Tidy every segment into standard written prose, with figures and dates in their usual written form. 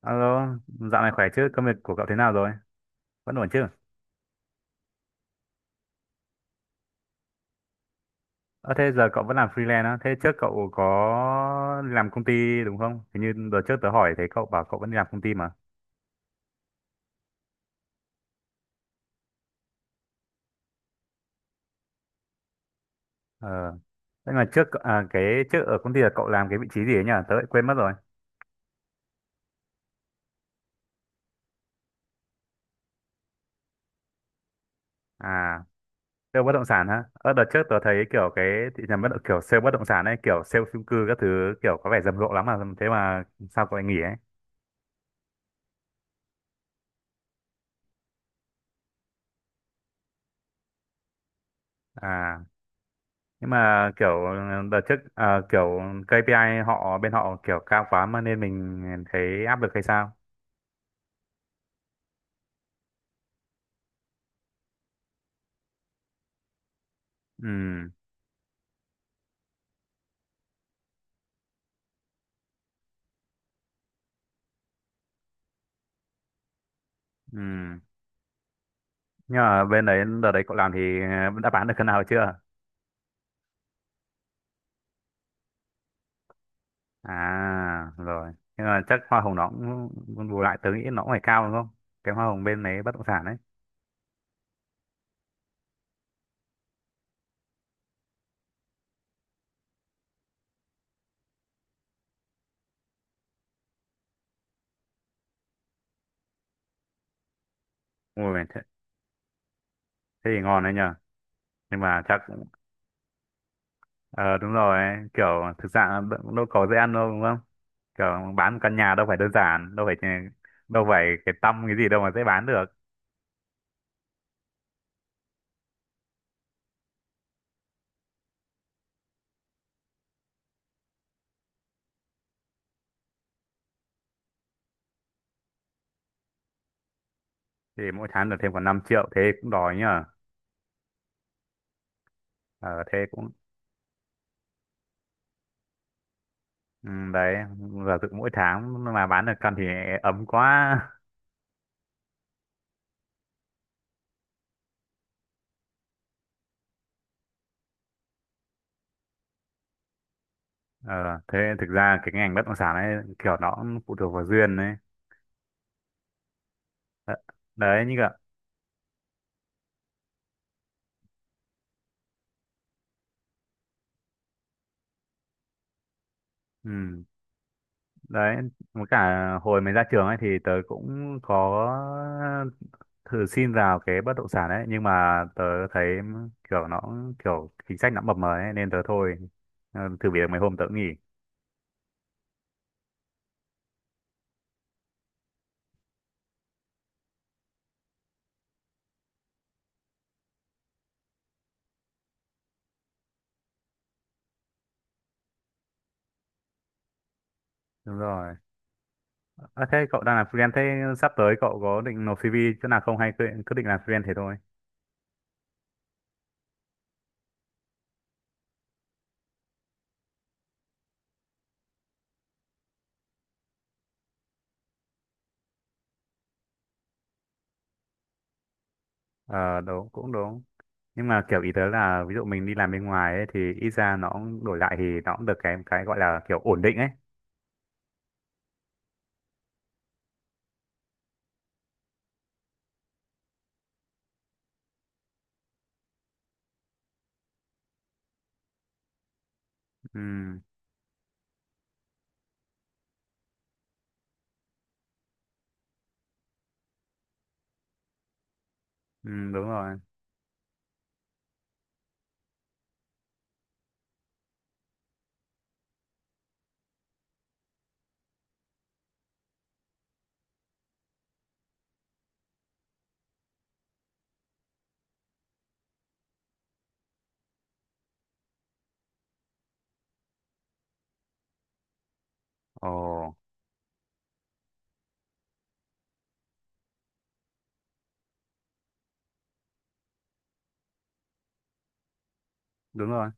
Alo, dạo này khỏe chứ? Công việc của cậu thế nào rồi? Vẫn ổn chứ? Ờ thế giờ cậu vẫn làm freelance á? Thế trước cậu có làm công ty đúng không? Hình như đợt trước tớ hỏi thấy cậu bảo cậu vẫn đi làm công ty mà. Ờ. Nhưng mà trước à, cái trước ở công ty là cậu làm cái vị trí gì ấy nhỉ? Tớ lại quên mất rồi. À, sale bất động sản hả? Ờ đợt trước tớ thấy kiểu cái thị trường bất động kiểu sale bất động sản ấy, kiểu sale chung cư các thứ kiểu có vẻ rầm rộ lắm mà thế mà sao cậu lại nghỉ ấy? À, nhưng mà kiểu đợt trước à, kiểu KPI họ bên họ kiểu cao quá mà nên mình thấy áp lực hay sao? Ừ, ừ nhưng mà bên đấy đợt đấy cậu làm thì đã bán được cân nào chưa? À rồi, nhưng mà chắc hoa hồng nó cũng bù lại, tớ nghĩ nó cũng phải cao đúng không, cái hoa hồng bên đấy bất động sản ấy? Ui thế, thế thì ngon đấy nhờ. Nhưng mà chắc ờ đúng rồi ấy. Kiểu thực ra đâu có dễ ăn đâu đúng không, kiểu bán một căn nhà đâu phải đơn giản đâu phải đâu phải cái tăm cái gì đâu mà dễ bán được. Thì mỗi tháng được thêm khoảng 5 triệu thế cũng đòi nhờ. Ờ thế cũng ừ, đấy, giả dụ mỗi tháng mà bán được căn thì ấm quá. Ờ thế thực ra cái ngành bất động sản ấy kiểu nó cũng phụ thuộc vào duyên đấy. Đ- Đấy như cả ừ, đấy với cả hồi mới ra trường ấy thì tớ cũng có thử xin vào cái bất động sản ấy nhưng mà tớ thấy kiểu nó kiểu chính sách nó mập mờ ấy nên tớ thôi. Ờ, thử việc mấy hôm tớ cũng nghỉ. Đúng rồi. À, thế cậu đang làm freelance thế sắp tới cậu có định nộp CV chỗ nào không hay cứ định làm freelance thế thôi? Ờ đúng, cũng đúng. Nhưng mà kiểu ý tớ là ví dụ mình đi làm bên ngoài ấy, thì ít ra nó cũng đổi lại thì nó cũng được cái gọi là kiểu ổn định ấy. Ừ, ừ đúng rồi. Ồ đúng rồi.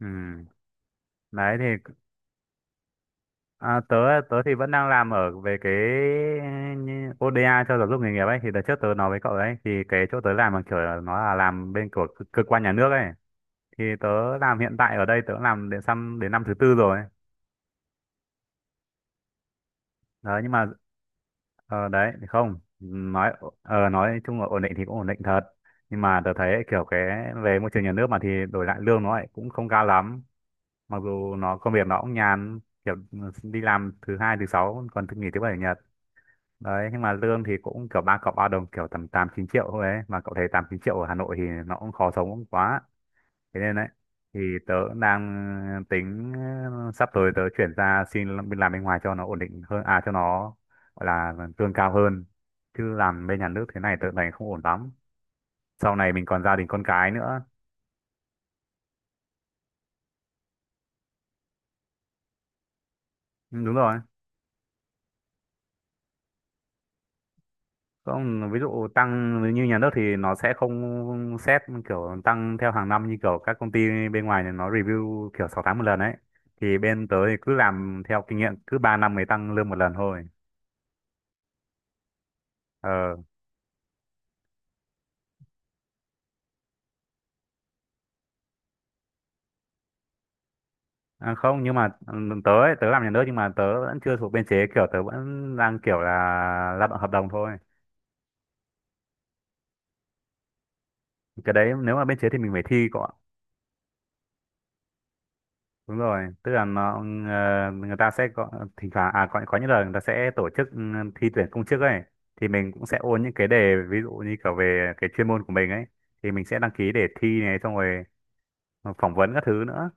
Ừ. Đấy thì à, tớ tớ thì vẫn đang làm ở về cái như ODA cho giáo dục nghề nghiệp ấy, thì đợt trước tớ nói với cậu đấy thì cái chỗ tớ làm là kiểu là nó là làm bên của cơ cơ quan nhà nước ấy, thì tớ làm hiện tại ở đây tớ làm đến năm thứ tư rồi đấy. Nhưng mà ờ, đấy thì không nói nói chung là ổn định thì cũng ổn định thật, nhưng mà tớ thấy kiểu cái về môi trường nhà nước mà thì đổi lại lương nó lại cũng không cao lắm, mặc dù nó công việc nó cũng nhàn, kiểu đi làm thứ hai thứ sáu còn thứ nghỉ thứ bảy chủ nhật đấy, nhưng mà lương thì cũng kiểu ba cọc ba đồng kiểu tầm tám chín triệu thôi ấy, mà cậu thấy tám chín triệu ở Hà Nội thì nó cũng khó sống quá. Thế nên đấy, thì tớ cũng đang tính sắp tới tớ chuyển ra xin làm bên ngoài cho nó ổn định hơn, à cho nó gọi là lương cao hơn, chứ làm bên nhà nước thế này tớ thấy không ổn lắm, sau này mình còn gia đình con cái nữa. Ừ, đúng rồi. Không, ví dụ tăng như nhà nước thì nó sẽ không xét kiểu tăng theo hàng năm như kiểu các công ty bên ngoài này nó review kiểu 6 tháng một lần ấy, thì bên tớ thì cứ làm theo kinh nghiệm cứ 3 năm mới tăng lương một lần thôi. Ờ. À, không nhưng mà ừ, tớ ấy, tớ làm nhà nước nhưng mà tớ vẫn chưa thuộc biên chế, kiểu tớ vẫn đang kiểu là lao động hợp đồng thôi. Cái đấy nếu mà biên chế thì mình phải thi cọ. Đúng rồi, tức là nó ừ, người ta sẽ có thỉnh thoảng à có những lần người ta sẽ tổ chức ừ, thi tuyển công chức ấy, thì mình cũng sẽ ôn những cái đề ví dụ như kiểu về cái chuyên môn của mình ấy, thì mình sẽ đăng ký để thi này xong rồi phỏng vấn các thứ nữa.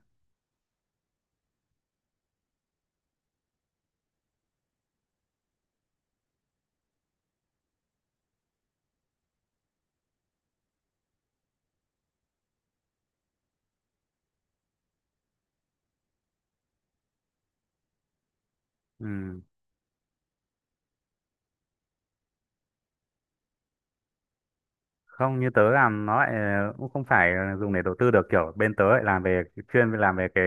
Ừ. Không, như tớ làm nó lại cũng không phải dùng để đầu tư được, kiểu bên tớ lại làm về chuyên làm về cái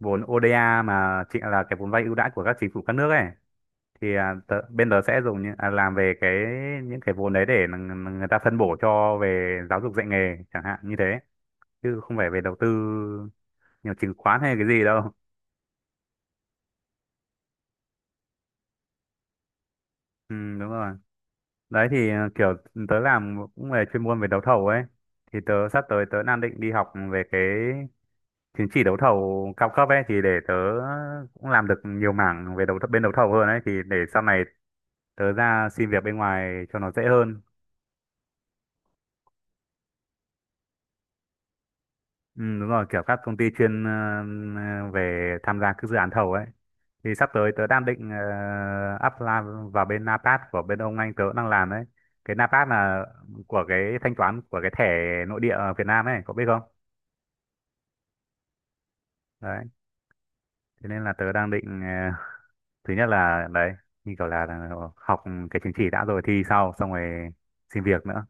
vốn ODA mà chị là cái vốn vay ưu đãi của các chính phủ các nước ấy, thì à, tớ, bên tớ sẽ dùng những, à, làm về cái những cái vốn đấy để người ta phân bổ cho về giáo dục dạy nghề chẳng hạn như thế, chứ không phải về đầu tư nhiều chứng khoán hay cái gì đâu. Ừ, đúng rồi. Đấy thì à, kiểu tớ làm cũng về chuyên môn về đấu thầu ấy, thì sắp tới tớ đang định đi học về cái chứng chỉ đấu thầu cao cấp ấy, thì để tớ cũng làm được nhiều mảng về bên đấu thầu hơn ấy, thì để sau này tớ ra xin việc bên ngoài cho nó dễ hơn. Ừ, đúng rồi, kiểu các công ty chuyên về tham gia các dự án thầu ấy, thì sắp tới tớ đang định apply vào bên NAPAT của bên ông anh tớ đang làm đấy. Cái NAPAT là của cái thanh toán của cái thẻ nội địa ở Việt Nam ấy, có biết không? Đấy, thế nên là tớ đang định thứ nhất là đấy như kiểu là học cái chứng chỉ đã rồi thi sau xong rồi xin việc nữa.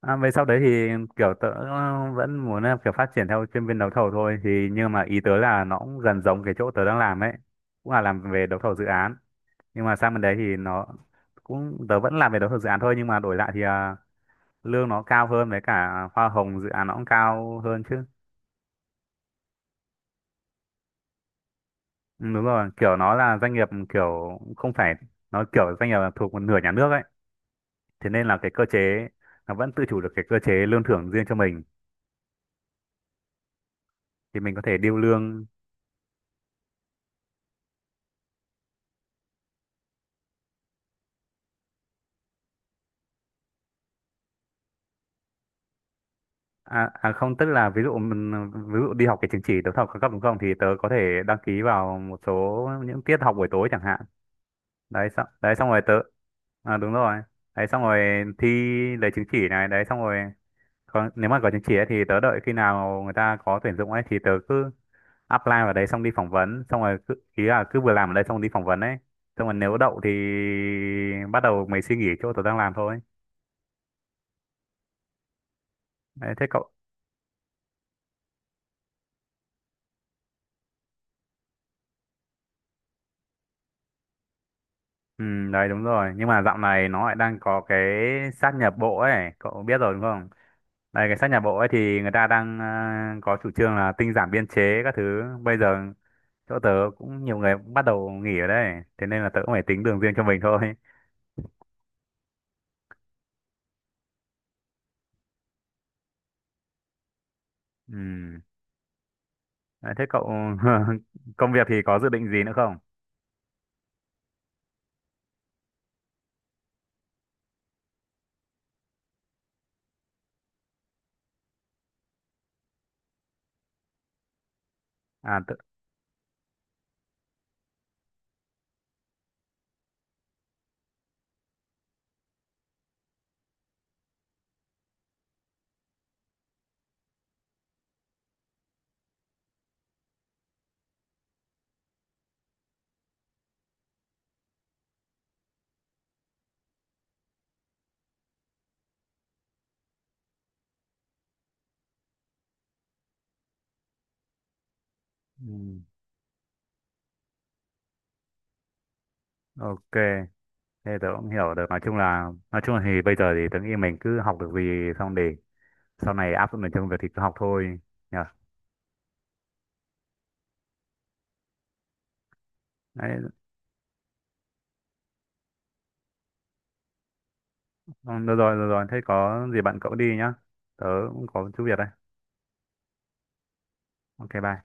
À, về sau đấy thì kiểu tớ vẫn muốn là kiểu phát triển theo chuyên viên đấu thầu thôi, thì nhưng mà ý tớ là nó cũng gần giống cái chỗ tớ đang làm ấy, cũng là làm về đấu thầu dự án, nhưng mà sang bên đấy thì nó cũng tớ vẫn làm về đấu thầu dự án thôi, nhưng mà đổi lại thì à, lương nó cao hơn với cả hoa hồng dự án nó cũng cao hơn chứ. Ừ, đúng rồi, kiểu nó là doanh nghiệp kiểu không phải, nó kiểu doanh nghiệp là thuộc một nửa nhà nước ấy, thế nên là cái cơ chế nó vẫn tự chủ được cái cơ chế lương thưởng riêng cho mình, thì mình có thể điêu lương. À, à không, tức là ví dụ mình- ví dụ đi học cái chứng chỉ đấu thầu cao cấp đúng không, thì tớ có thể đăng ký vào một số những tiết học buổi tối chẳng hạn. Đấy xong đấy xong rồi tớ à, đúng rồi, đấy xong rồi thi lấy chứng chỉ này đấy xong rồi có, nếu mà có chứng chỉ ấy, thì tớ đợi khi nào người ta có tuyển dụng ấy thì tớ cứ apply vào đấy xong đi phỏng vấn xong rồi cứ, ý là cứ vừa làm ở đây xong đi phỏng vấn ấy xong rồi nếu đậu thì bắt đầu mày suy nghĩ chỗ tớ đang làm thôi. Đấy, thế cậu ừ, đấy đúng rồi, nhưng mà dạo này nó lại đang có cái sát nhập bộ ấy cậu biết rồi đúng không. Đây cái sát nhập bộ ấy thì người ta đang có chủ trương là tinh giản biên chế các thứ bây giờ, chỗ tớ cũng nhiều người cũng bắt đầu nghỉ ở đây, thế nên là tớ cũng phải tính đường riêng cho mình thôi. Ừ. Đấy, thế cậu công việc thì có dự định gì nữa không? À tớ... ừ. Ok, thế tớ cũng hiểu được, nói chung là thì bây giờ thì tớ nghĩ mình cứ học được gì xong để sau này áp dụng được trong việc thì cứ học thôi nhỉ. Đấy. Ừ, được rồi, được rồi. Thế có gì bạn cậu đi nhá. Tớ cũng có chút việc đây. Ok, bye.